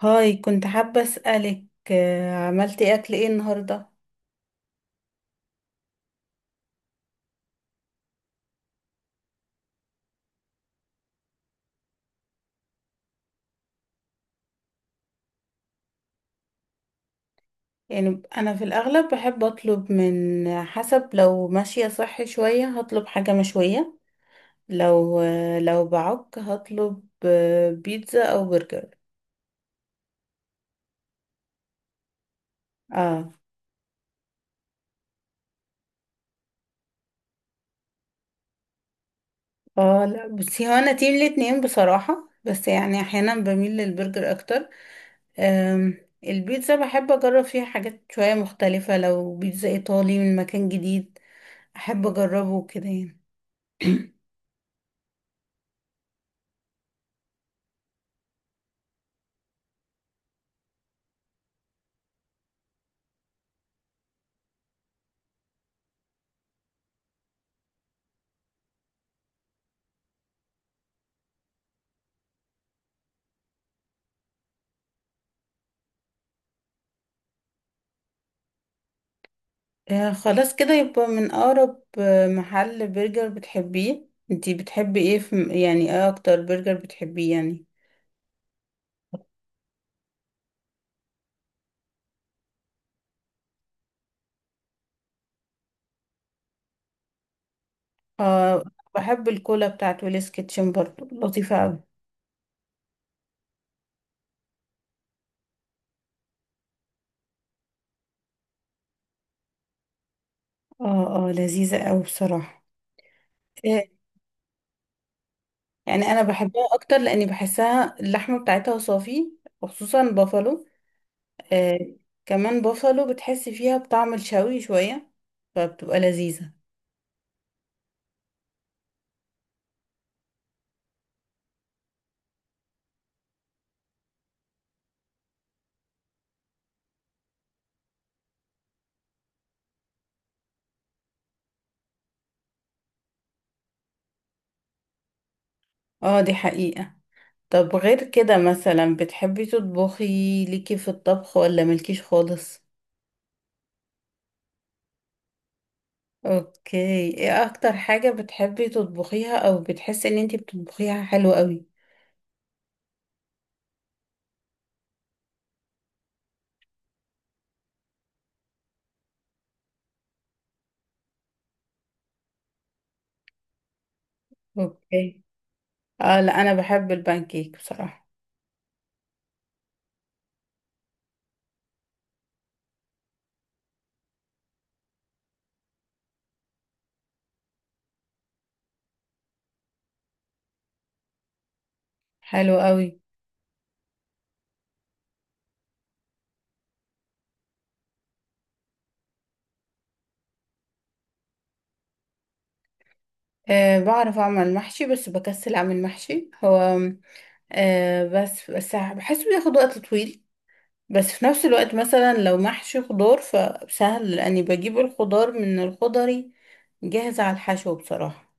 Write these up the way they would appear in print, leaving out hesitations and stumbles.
هاي كنت حابة أسألك عملتي أكل إيه النهاردة؟ يعني أنا في الأغلب بحب أطلب من حسب، لو ماشية صحي شوية هطلب حاجة مشوية، لو بعك هطلب بيتزا أو برجر. اه اه لا، بس هو أنا تيم الاتنين بصراحة، بس يعني أحيانا بميل للبرجر أكتر. آم، البيتزا بحب أجرب فيها حاجات شوية مختلفة، لو بيتزا إيطالي من مكان جديد أحب أجربه كده يعني. خلاص كده يبقى من أقرب محل برجر بتحبيه. انتي بتحبي ايه في؟ يعني ايه أكتر برجر بتحبيه يعني؟ اه، بحب الكولا بتاعت ويلز كيتشن برضو لطيفة أوي. اه اه لذيذة أوي بصراحة. آه، يعني أنا بحبها أكتر لأني بحسها اللحمة بتاعتها صافي، وخصوصا بافالو. آه، كمان بافالو بتحسي فيها بطعم الشوي شوية، فبتبقى لذيذة. اه دي حقيقة. طب غير كده مثلا بتحبي تطبخي؟ ليكي في الطبخ ولا ملكيش خالص؟ اوكي. ايه اكتر حاجة بتحبي تطبخيها او بتحسي ان انتي بتطبخيها حلو قوي؟ اوكي. اه لا، انا بحب البانكيك بصراحة. حلو قوي. أه، بعرف اعمل محشي بس بكسل اعمل محشي. هو بس بحسه بياخد وقت طويل، بس في نفس الوقت مثلا لو محشي خضار فسهل لاني بجيب الخضار من الخضري جاهز على الحشو بصراحة،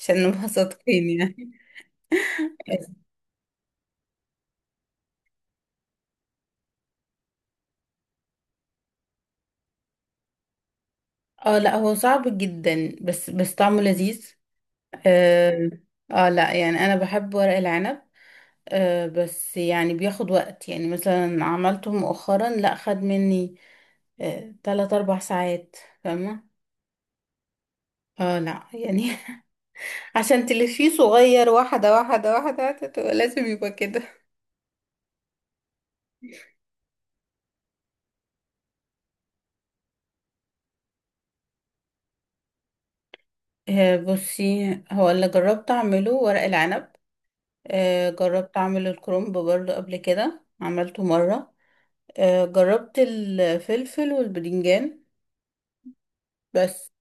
عشان نبقى صادقين يعني. اه لا، هو صعب جدا بس طعمه لذيذ. اه، لا يعني انا بحب ورق العنب. بس يعني بياخد وقت، يعني مثلا عملته مؤخرا لا، خد مني تلات اربع ساعات. فاهمة؟ اه لا يعني، عشان تلفيه صغير، واحدة واحدة واحدة تبقى لازم يبقى كده. بصي هو اللي جربت اعمله ورق العنب. جربت اعمل الكرنب برضه، قبل كده عملته مرة. جربت الفلفل والبدنجان بس.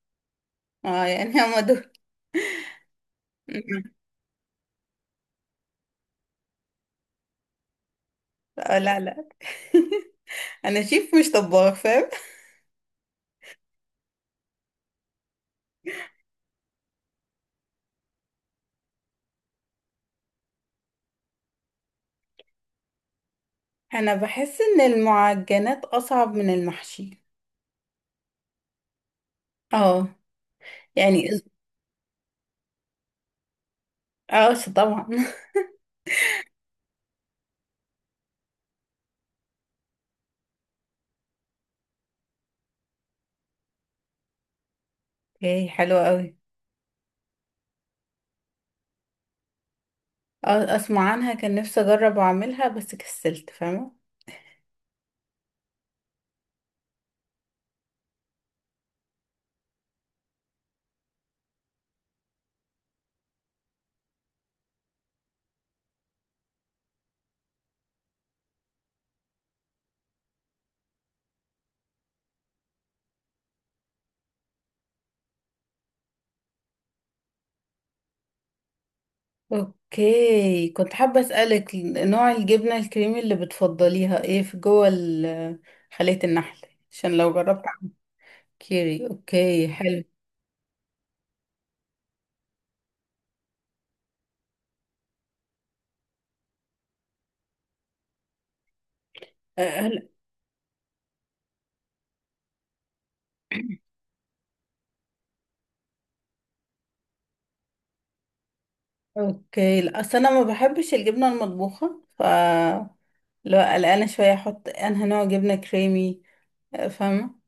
اه يعني هما دول. آه لا لا. انا شيف مش طباخ، فاهم. انا بحس ان المعجنات اصعب من المحشي. اه. يعني. اه طبعا اوكي حلوة قوي. اه اسمع عنها، كان نفسي اجرب اعملها بس كسلت فاهمة. اوكي كنت حابة اسألك، نوع الجبنة الكريمي اللي بتفضليها ايه في جوه خلية النحل؟ عشان لو جربت. كيري. اوكي حلو. هل اوكي، لا اصل انا ما بحبش الجبنه المطبوخه، ف لا قلقانه شويه احط انها نوع جبنه كريمي. فاهمه.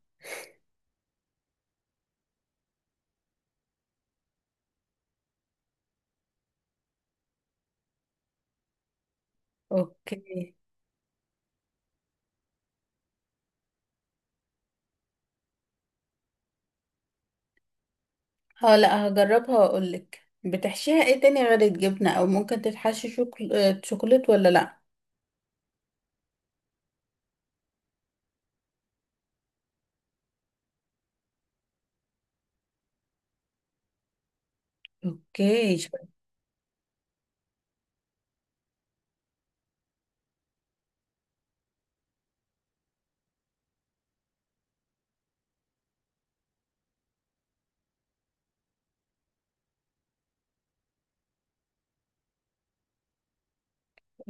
اوكي اه، لا هجربها واقول لك. بتحشيها ايه تاني غير الجبنه؟ او ممكن تتحشي شوكل... آه، شوكولات ولا لا؟ اوكي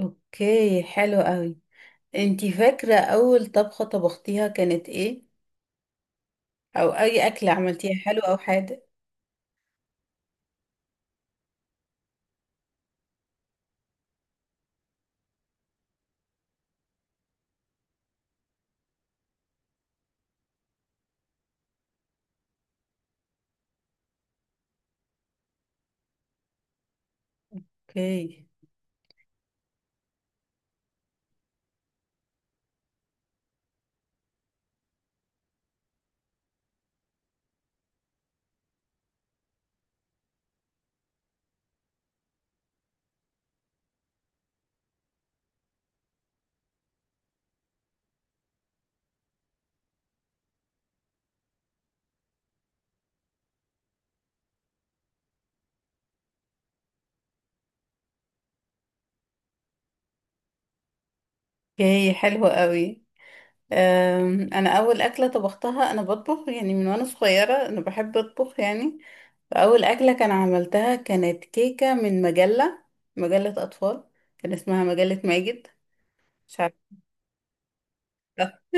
اوكي حلو قوي. انتي فاكره اول طبخه طبختيها كانت ايه؟ او اي اكله عملتيها حلو او حادق؟ اوكي. اوكي حلو قوي. انا اول اكله طبختها، انا بطبخ يعني من وانا صغيره، انا بحب اطبخ يعني. فاول اكله كان عملتها كانت كيكه من مجله، مجله اطفال، كان اسمها مجله ماجد. مش عارفه.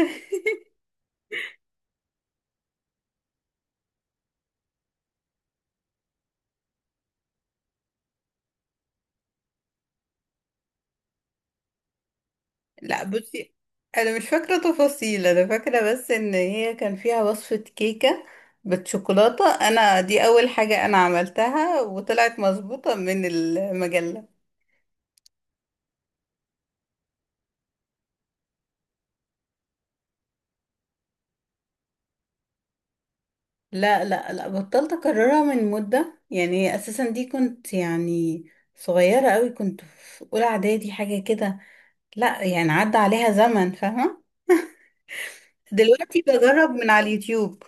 لا بصي، انا مش فاكره تفاصيل، انا فاكره بس ان هي كان فيها وصفه كيكه بالشوكولاته، انا دي اول حاجه انا عملتها وطلعت مظبوطه من المجله. لا لا لا، بطلت اكررها من مدة يعني، اساسا دي كنت يعني صغيرة قوي، كنت في اولى اعدادي حاجة كده. لا يعني عدى عليها زمن، فاهمة دلوقتي بجرب من على اليوتيوب.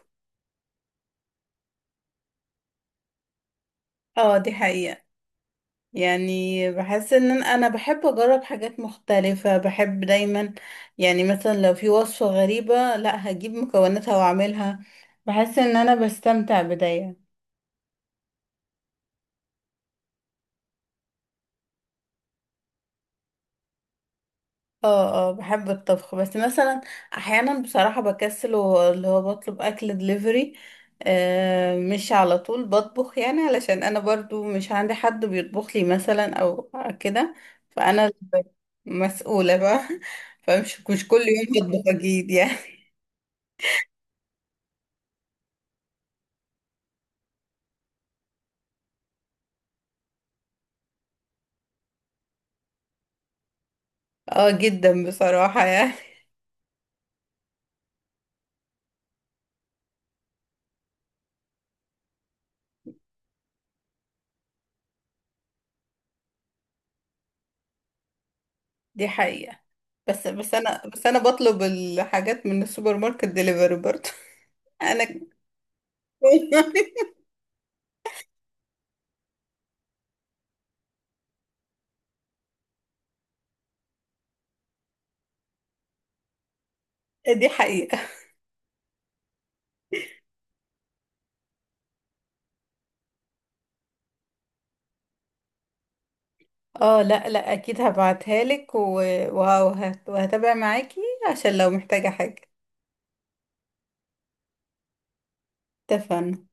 اه دي حقيقة. يعني بحس ان أنا بحب اجرب حاجات مختلفة، بحب دايما، يعني مثلا لو في وصفة غريبة لا هجيب مكوناتها واعملها. بحس ان انا بستمتع بداية. اه اه، بحب الطبخ بس مثلا احيانا بصراحة بكسل واللي هو بطلب اكل دليفري. مش على طول بطبخ يعني، علشان انا برضو مش عندي حد بيطبخ لي مثلا او كده. فانا اللي مسؤولة بقى فمش مش كل يوم بطبخ اكيد يعني. اه جدا بصراحة يعني. دي حقيقة، بس انا بطلب الحاجات من السوبر ماركت دليفري برضو. انا دي حقيقة. اه لا لا اكيد هبعتها لك وهتابع معاكي، عشان لو محتاجة حاجة. اتفقنا.